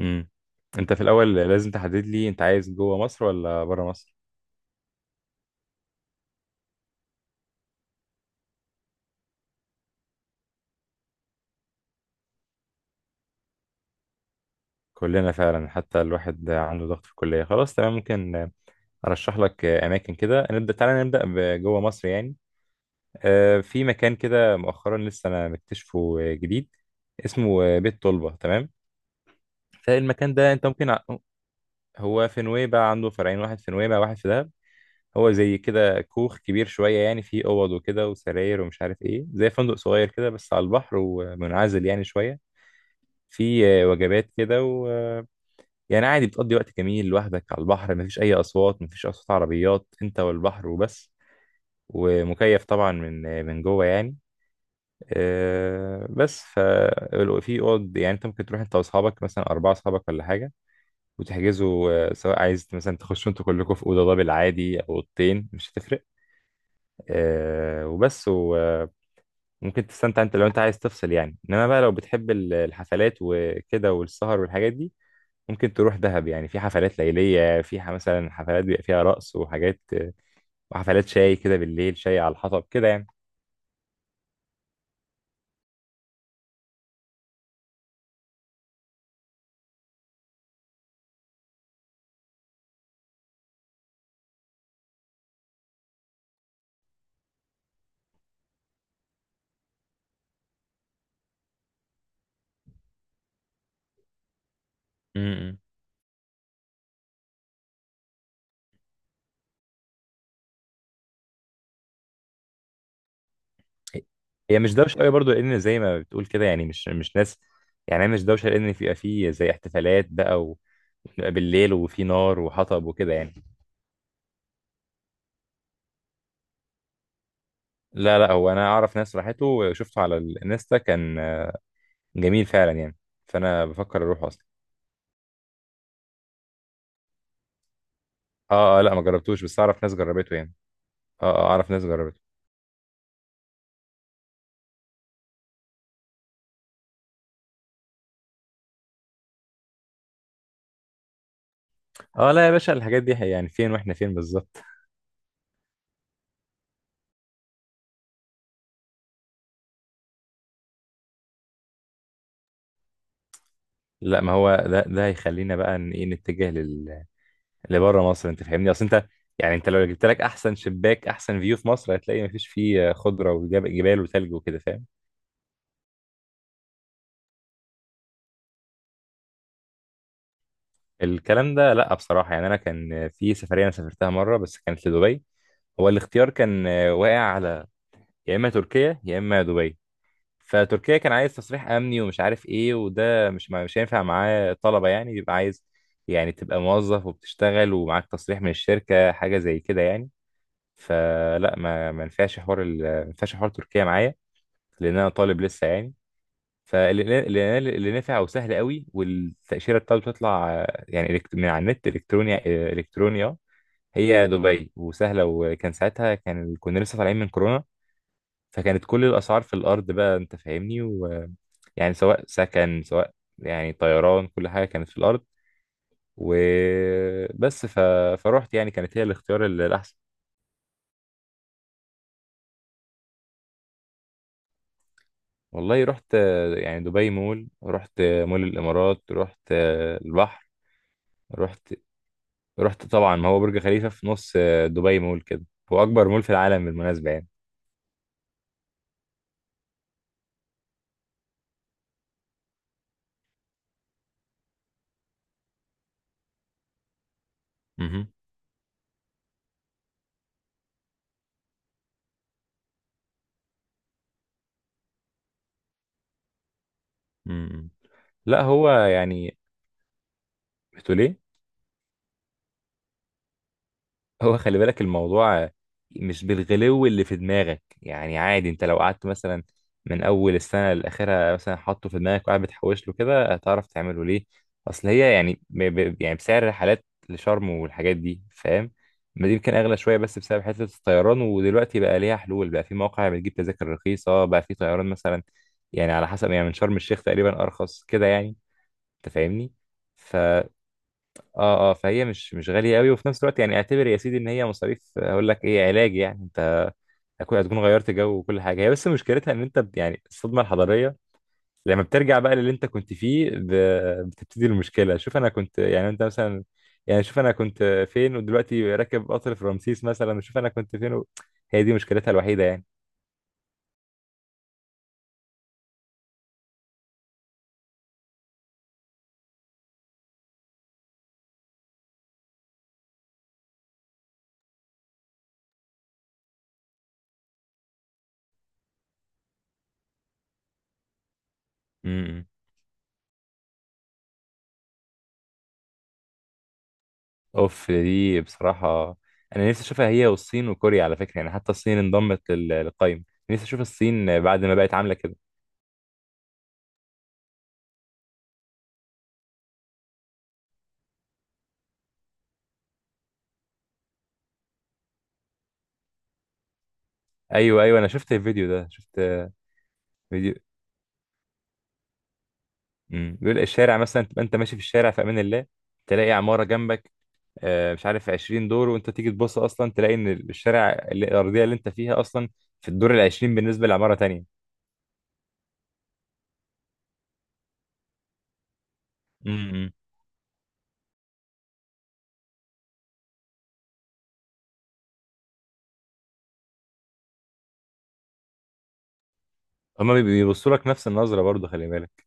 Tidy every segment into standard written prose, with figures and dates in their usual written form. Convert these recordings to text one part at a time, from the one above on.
امم انت في الاول لازم تحدد لي انت عايز جوه مصر ولا بره مصر؟ كلنا فعلا، حتى الواحد عنده ضغط في الكليه، خلاص تمام، ممكن ارشح لك اماكن كده. نبدا، تعالى نبدا بجوه مصر يعني. في مكان كده مؤخرا لسه انا مكتشفه جديد، اسمه بيت طلبه، تمام. فالمكان ده انت ممكن هو في نويبع، عنده فرعين، واحد في نويبع واحد في دهب. هو زي كده كوخ كبير شويه يعني، فيه اوض وكده وسراير ومش عارف ايه، زي فندق صغير كده بس على البحر، ومنعزل يعني شويه. في وجبات كده و يعني عادي، بتقضي وقت جميل لوحدك على البحر، مفيش أي أصوات، مفيش أصوات عربيات، أنت والبحر وبس. ومكيف طبعا من من جوه يعني. آه، بس ف في اوض يعني، انت ممكن تروح انت واصحابك مثلا، اربعه اصحابك ولا حاجه، وتحجزوا سواء عايز مثلا تخشوا انتوا كلكم في اوضه دبل عادي او اوضتين، مش هتفرق. آه، وبس و آه، ممكن تستمتع انت لو انت عايز تفصل يعني. انما بقى لو بتحب الحفلات وكده والسهر والحاجات دي، ممكن تروح دهب يعني، في حفلات ليلية، في مثلا حفلات بيبقى فيها رقص وحاجات، وحفلات شاي كده بالليل، شاي على الحطب كده يعني. امم هي مش دوشة قوي برضو، لأن زي ما بتقول كده يعني، مش ناس يعني. هي مش دوشة، لأن بيبقى فيه زي احتفالات بقى وبتبقى بالليل وفي نار وحطب وكده يعني. لا، هو أنا أعرف ناس راحته، وشفته على الانستا، كان جميل فعلا يعني، فأنا بفكر أروح أصلا. آه لا، ما جربتوش، بس أعرف ناس جربته يعني. آه، أعرف ناس جربته. آه لا يا باشا، الحاجات دي يعني، فين وإحنا فين بالظبط؟ لا، ما هو ده ده هيخلينا بقى ان ايه، لبره مصر، انت فاهمني، اصل انت، يعني انت لو جبت لك احسن شباك، احسن فيو في مصر، هتلاقي مفيش فيه خضره وجبال وثلج وكده، فاهم الكلام ده. لا بصراحه يعني، انا كان في سفريه انا سافرتها مره بس، كانت لدبي. هو الاختيار كان واقع على، يا اما تركيا يا اما دبي. فتركيا كان عايز تصريح امني ومش عارف ايه، وده مش هينفع معاه طلبه يعني، بيبقى عايز يعني تبقى موظف وبتشتغل ومعاك تصريح من الشركه، حاجه زي كده يعني. فلا، ما ينفعش حوار ما ينفعش حوار تركيا معايا، لان انا طالب لسه يعني. فاللي اللي اللي نافع وسهل قوي، والتاشيره بتاعته بتطلع يعني من على النت الكترونيا، الكترونيا، هي دبي، وسهله. وكان ساعتها كان كنا لسه طالعين من كورونا، فكانت كل الاسعار في الارض بقى، انت فاهمني، ويعني سواء سكن سواء يعني طيران، كل حاجه كانت في الارض. وبس ف... فروحت يعني، كانت هي الاختيار الاحسن. والله رحت يعني دبي مول، رحت مول الامارات، رحت البحر. رحت رحت طبعا، ما هو برج خليفه في نص دبي مول كده، هو اكبر مول في العالم بالمناسبه يعني. مهم. مم. لا هو يعني، بتقول ايه؟ هو خلي بالك، الموضوع مش بالغلو اللي في دماغك يعني، عادي. انت لو قعدت مثلا من اول السنه لاخرها مثلا حاطه في دماغك وقاعد بتحوش له كده، هتعرف تعمله. ليه؟ اصل هي يعني يعني بسعر الرحلات لشرم والحاجات دي، فاهم، ما دي يمكن اغلى شويه بس بسبب حته الطيران، ودلوقتي بقى ليها حلول بقى، في مواقع بتجيب تذاكر رخيصه بقى في طيران مثلا، يعني على حسب يعني، من شرم الشيخ تقريبا ارخص كده يعني، انت فاهمني. ف اه فهي مش غاليه قوي، وفي نفس الوقت يعني اعتبر يا سيدي ان هي مصاريف، هقول لك ايه، علاج يعني. انت هتكون غيرت جو وكل حاجه. هي بس مشكلتها ان انت يعني الصدمه الحضاريه لما بترجع بقى للي انت كنت فيه، بتبتدي المشكله. شوف انا كنت يعني، انت مثلا، يعني شوف انا كنت فين ودلوقتي راكب قطر في رمسيس مثلا، وشوف انا كنت فين هي دي مشكلتها الوحيده يعني. امم. اوف دي بصراحه، انا نفسي اشوفها هي والصين وكوريا على فكره يعني، حتى الصين انضمت للقايمه، نفسي اشوف الصين بعد ما بقت عامله كده. ايوه، انا شفت الفيديو ده، شفت فيديو. امم، بيقول الشارع مثلا، تبقى انت ماشي في الشارع في امان الله، تلاقي عماره جنبك، مش عارف 20 دور، وانت تيجي تبص اصلا تلاقي ان الشارع الارضيه اللي انت فيها اصلا في الدور ال 20 بالنسبه لعماره تانية. امم، هما بيبصوا لك نفس النظره برضو، خلي بالك.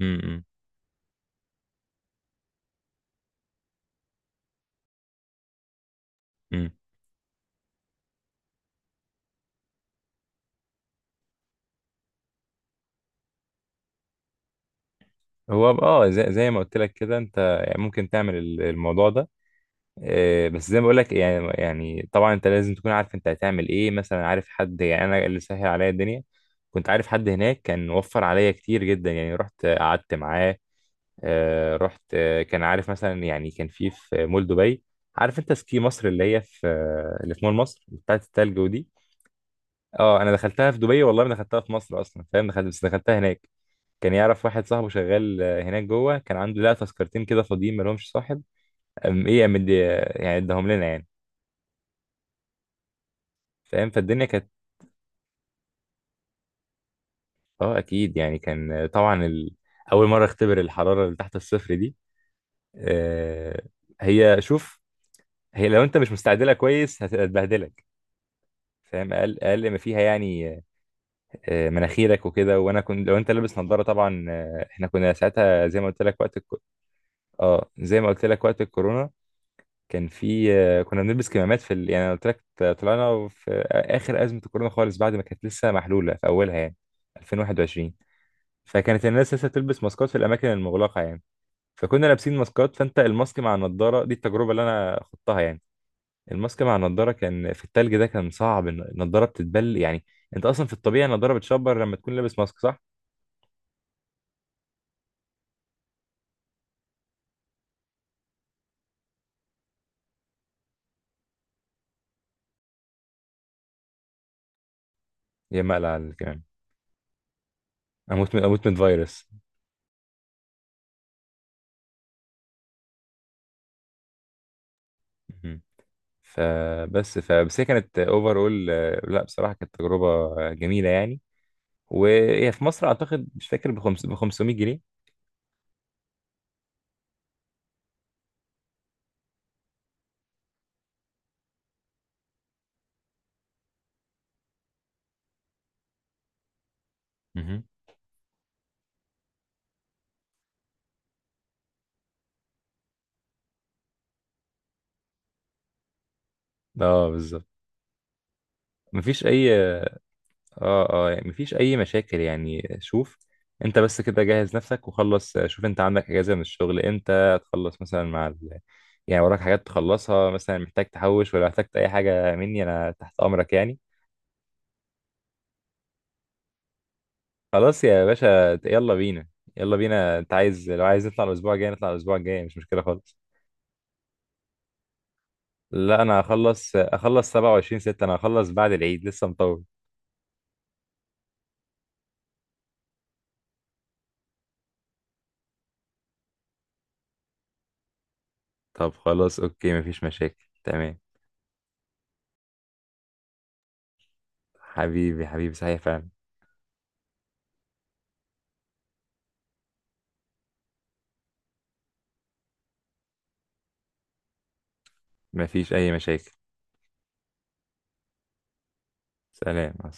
امم. إمم. إمم. هو اه، زي، زي ما قلت لك كده، انت يعني ممكن تعمل الموضوع ده. بس زي ما بقول لك يعني، يعني طبعا انت لازم تكون عارف انت هتعمل ايه مثلا، عارف حد يعني. انا اللي سهل عليا الدنيا، كنت عارف حد هناك كان وفر عليا كتير جدا، يعني رحت قعدت معاه. رحت كان عارف مثلا، يعني كان في مول دبي، عارف انت سكي مصر، اللي هي في اللي في مول مصر بتاعت التلج ودي. اه، انا دخلتها في دبي، والله ما دخلتها في مصر اصلا، فاهم، دخلت بس دخلتها هناك. كان يعرف واحد صاحبه شغال هناك جوه، كان عنده لا تذكرتين كده فاضيين ما لهمش صاحب، أم ايه أم يعني اداهم لنا يعني. فاهم، فالدنيا كانت، اه اكيد يعني. كان طبعا اول مره اختبر الحراره اللي تحت الصفر دي. آه، هي شوف، هي لو انت مش مستعد لها كويس، هتبهدلك، فاهم، اقل ما فيها يعني آه، مناخيرك وكده. وانا كنت، لو انت لابس نظاره طبعا، آه احنا كنا ساعتها زي ما قلت لك وقت اه زي ما قلت لك وقت الكورونا، كان في آه كنا بنلبس كمامات في يعني أنا قلت لك، طلعنا في اخر ازمه الكورونا خالص، بعد ما كانت لسه محلوله في اولها يعني، 2021. فكانت الناس لسه بتلبس ماسكات في الاماكن المغلقه يعني، فكنا لابسين ماسكات. فانت الماسك مع النضاره دي، التجربه اللي انا خضتها يعني، الماسك مع النضاره كان في التلج ده، كان صعب. النضاره بتتبل يعني، انت اصلا في الطبيعي النضاره بتشبر لما تكون لابس ماسك، صح؟ يا مقلق على الكلام، اموت من، اموت من فيروس. مهم. فبس هي كانت اوفر اول، لا بصراحه كانت تجربه جميله يعني. وهي في مصر اعتقد مش فاكر ب 500 جنيه. مهم. اه بالظبط. مفيش اي، اه يعني مفيش اي مشاكل. يعني شوف، انت بس كده جهز نفسك وخلص. شوف انت عندك اجازه من الشغل امتى تخلص مثلا، مع يعني وراك حاجات تخلصها مثلا، محتاج تحوش، ولا احتجت اي حاجه مني انا تحت امرك يعني. خلاص يا باشا، يلا بينا. يلا بينا، انت عايز، لو عايز نطلع الاسبوع الجاي نطلع الاسبوع الجاي، مش مشكله خالص. لا انا هخلص، اخلص 27/6، انا هخلص بعد العيد، لسه مطول. طب خلاص، اوكي، مفيش مشاكل، تمام. حبيبي، صحيح فعلا. مفيش اي مشاكل. سلام مع